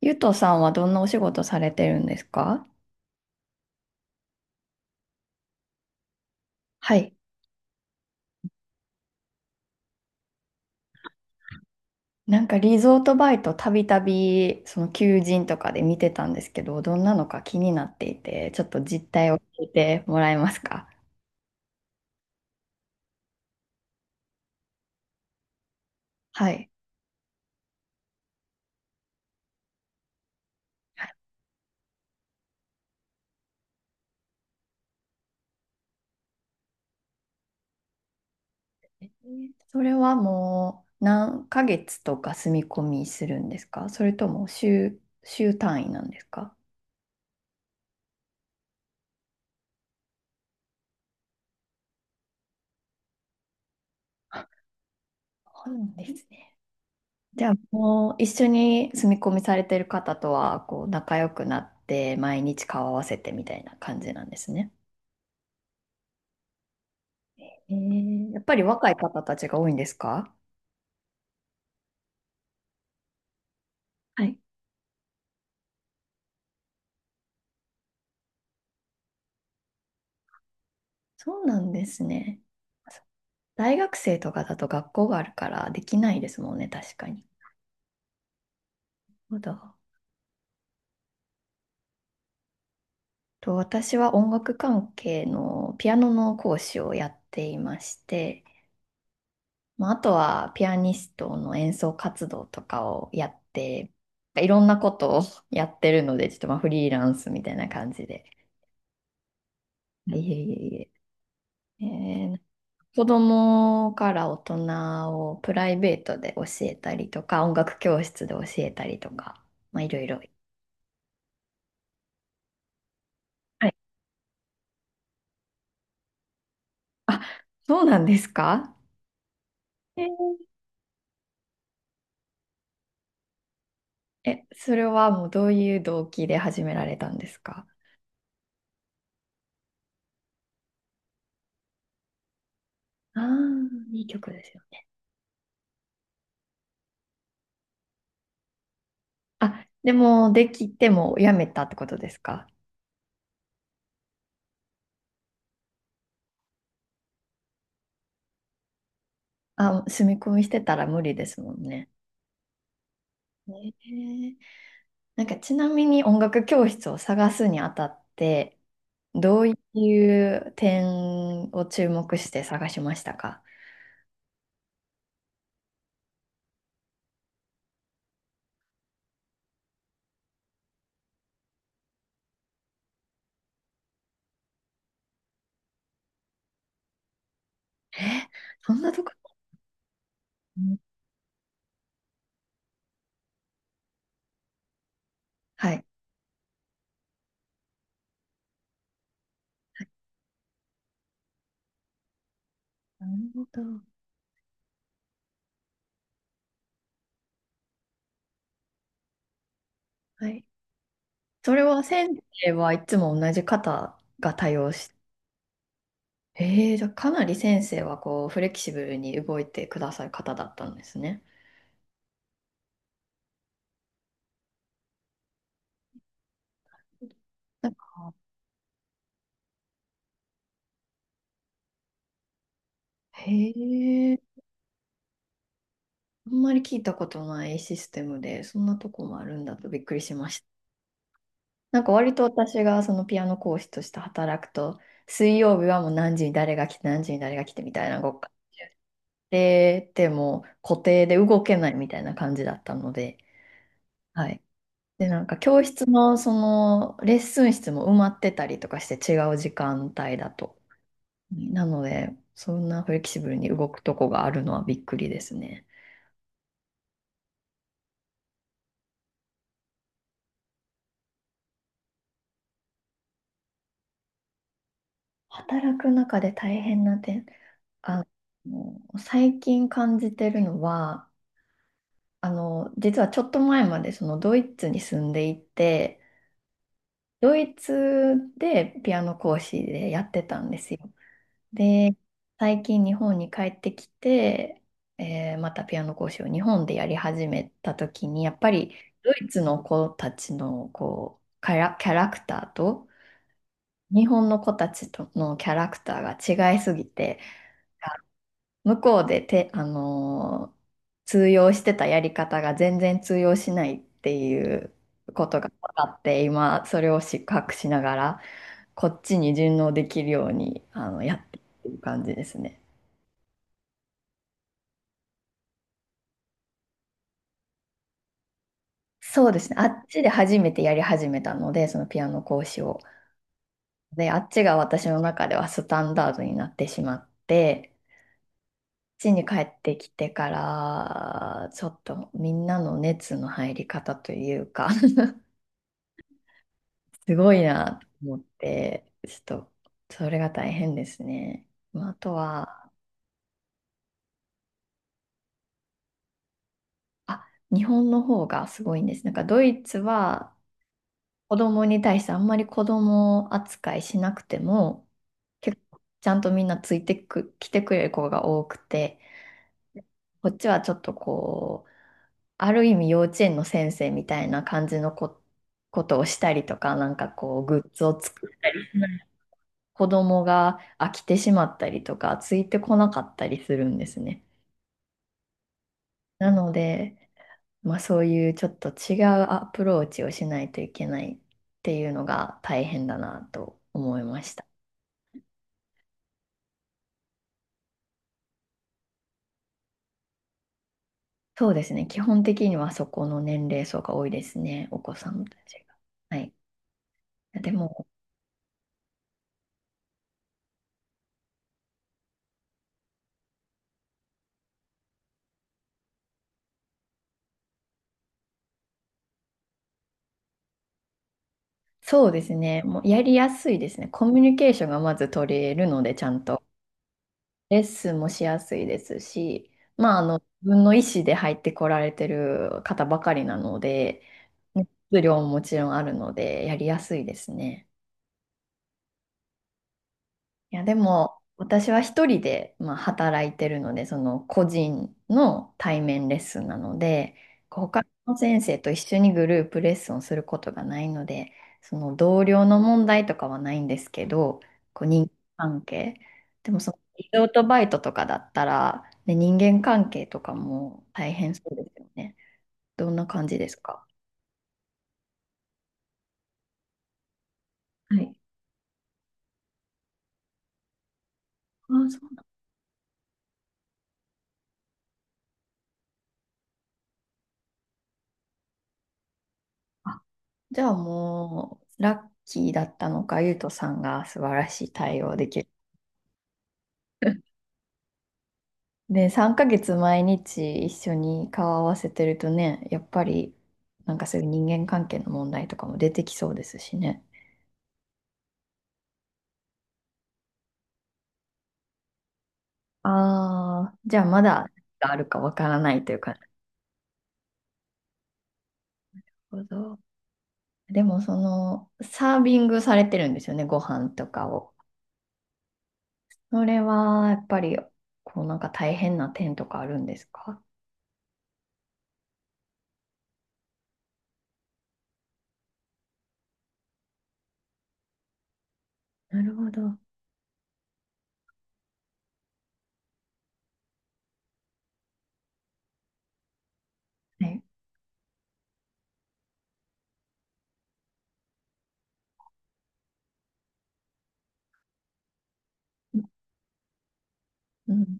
ゆとさんはどんなお仕事されてるんですか？はい。なんかリゾートバイトたびたびその求人とかで見てたんですけど、どんなのか気になっていて、ちょっと実態を聞いてもらえますか？はい。それはもう何ヶ月とか住み込みするんですか？それとも週単位なんですか？そうなんですね。じゃあもう一緒に住み込みされてる方とはこう仲良くなって毎日顔合わせてみたいな感じなんですね。やっぱり若い方たちが多いんですか？はい。そうなんですね。大学生とかだと学校があるからできないですもんね、確かに。なるほど。と私は音楽関係のピアノの講師をやっていまして、まあ、あとはピアニストの演奏活動とかをやって、いろんなことを やってるので、ちょっとまあフリーランスみたいな感じで。いえいえいえ。ー子供から大人をプライベートで教えたりとか、音楽教室で教えたりとか、まあいろいろ。はい。あ、そうなんですか？えー。え、それはもうどういう動機で始められたんですか？ああー、いい曲ですよね。あ、でもできてもやめたってことですか？あ、住み込みしてたら無理ですもんね。ねえ、なんかちなみに音楽教室を探すにあたって、どういう点を注目して探しましたか？え、そんなとこ。うん。はい。なるほど。はい。それは先生はいつも同じ方が対応して、じゃあかなり先生はこうフレキシブルに動いてくださる方だったんですね。なんか、へえ、あんまり聞いたことないシステムで、そんなとこもあるんだとびっくりしました。なんか割と私がそのピアノ講師として働くと、水曜日はもう何時に誰が来て、何時に誰が来てみたいなごっかで、でも固定で動けないみたいな感じだったので、はい。で、なんか教室のそのレッスン室も埋まってたりとかして違う時間帯だと。なので、そんなフレキシブルに動くとこがあるのはびっくりですね。働く中で大変な点、あ最近感じてるのは、実はちょっと前までそのドイツに住んでいて、ドイツでピアノ講師でやってたんですよ。で、最近日本に帰ってきて、またピアノ講師を日本でやり始めた時に、やっぱりドイツの子たちのこうキャラクターと日本の子たちとのキャラクターが違いすぎて、向こうでて、通用してたやり方が全然通用しないっていうことが分かって、今それを失格しながら、こっちに順応できるように、やってっていう感じですね。そうですね。あっちで初めてやり始めたので、そのピアノ講師を。で、あっちが私の中ではスタンダードになってしまって、こっちに帰ってきてから、ちょっとみんなの熱の入り方というか すごいなと思って、ちょっと、それが大変ですね。まあ、あとは、あ、日本の方がすごいんです。なんかドイツは子供に対してあんまり子供扱いしなくても、結構ちゃんとみんなついてく、来てくれる子が多くて、こっちはちょっとこう、ある意味幼稚園の先生みたいな感じのことをしたりとか、なんかこう、グッズを作る。子供が飽きてしまったりとか、ついてこなかったりするんですね。なので、まあ、そういうちょっと違うアプローチをしないといけないっていうのが大変だなと思いました。そうですね。基本的にはそこの年齢層が多いですね。お子さんたちが。はい。でも、そうですね。もうやりやすいですね。コミュニケーションがまず取れるので、ちゃんと。レッスンもしやすいですし、まあ、自分の意思で入ってこられてる方ばかりなので、熱量ももちろんあるので、やりやすいですね。いや、でも、私は一人で、まあ、働いてるので、その個人の対面レッスンなので、こう他の先生と一緒にグループレッスンをすることがないので、その同僚の問題とかはないんですけど、こう人間関係。でも、そのリゾートバイトとかだったら、ね、人間関係とかも大変そうですよね。どんな感じですか？はい。あ、そうなんだ。じゃあもう、ラッキーだったのか、ゆうとさんが素晴らしい対応できる。で、3ヶ月毎日一緒に顔合わせてるとね、やっぱりなんかそういう人間関係の問題とかも出てきそうですしね。ああ、じゃあまだあるかわからないというか、なるほど。でもそのサービングされてるんですよね、ご飯とかを。それはやっぱりこうなんか大変な点とかあるんですか？なるほど。はい。うん。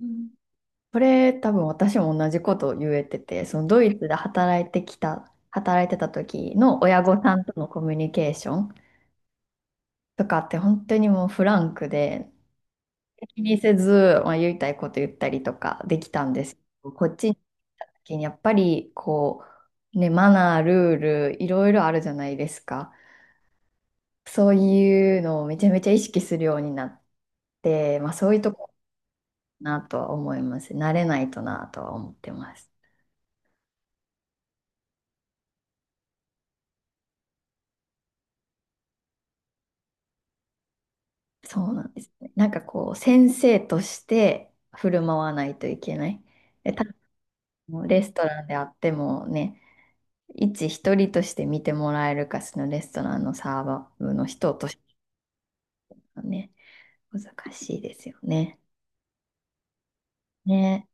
うん。これ多分私も同じことを言えてて、そのドイツで働いてた時の親御さんとのコミュニケーションとかって本当にもうフランクで、気にせず、まあ、言いたいこと言ったりとかできたんですけど、こっちに来た時にやっぱりこう、ね、マナー、ルール、いろいろあるじゃないですか。そういうのをめちゃめちゃ意識するようになって、まあそういうところかなとは思います。慣れないとなとは思ってます。そうなんですね。なんかこう、先生として振る舞わないといけない。で、多分レストランであってもね、一人として見てもらえるか、そのレストランのサーバーの人としてはね、難しいですよね。ね。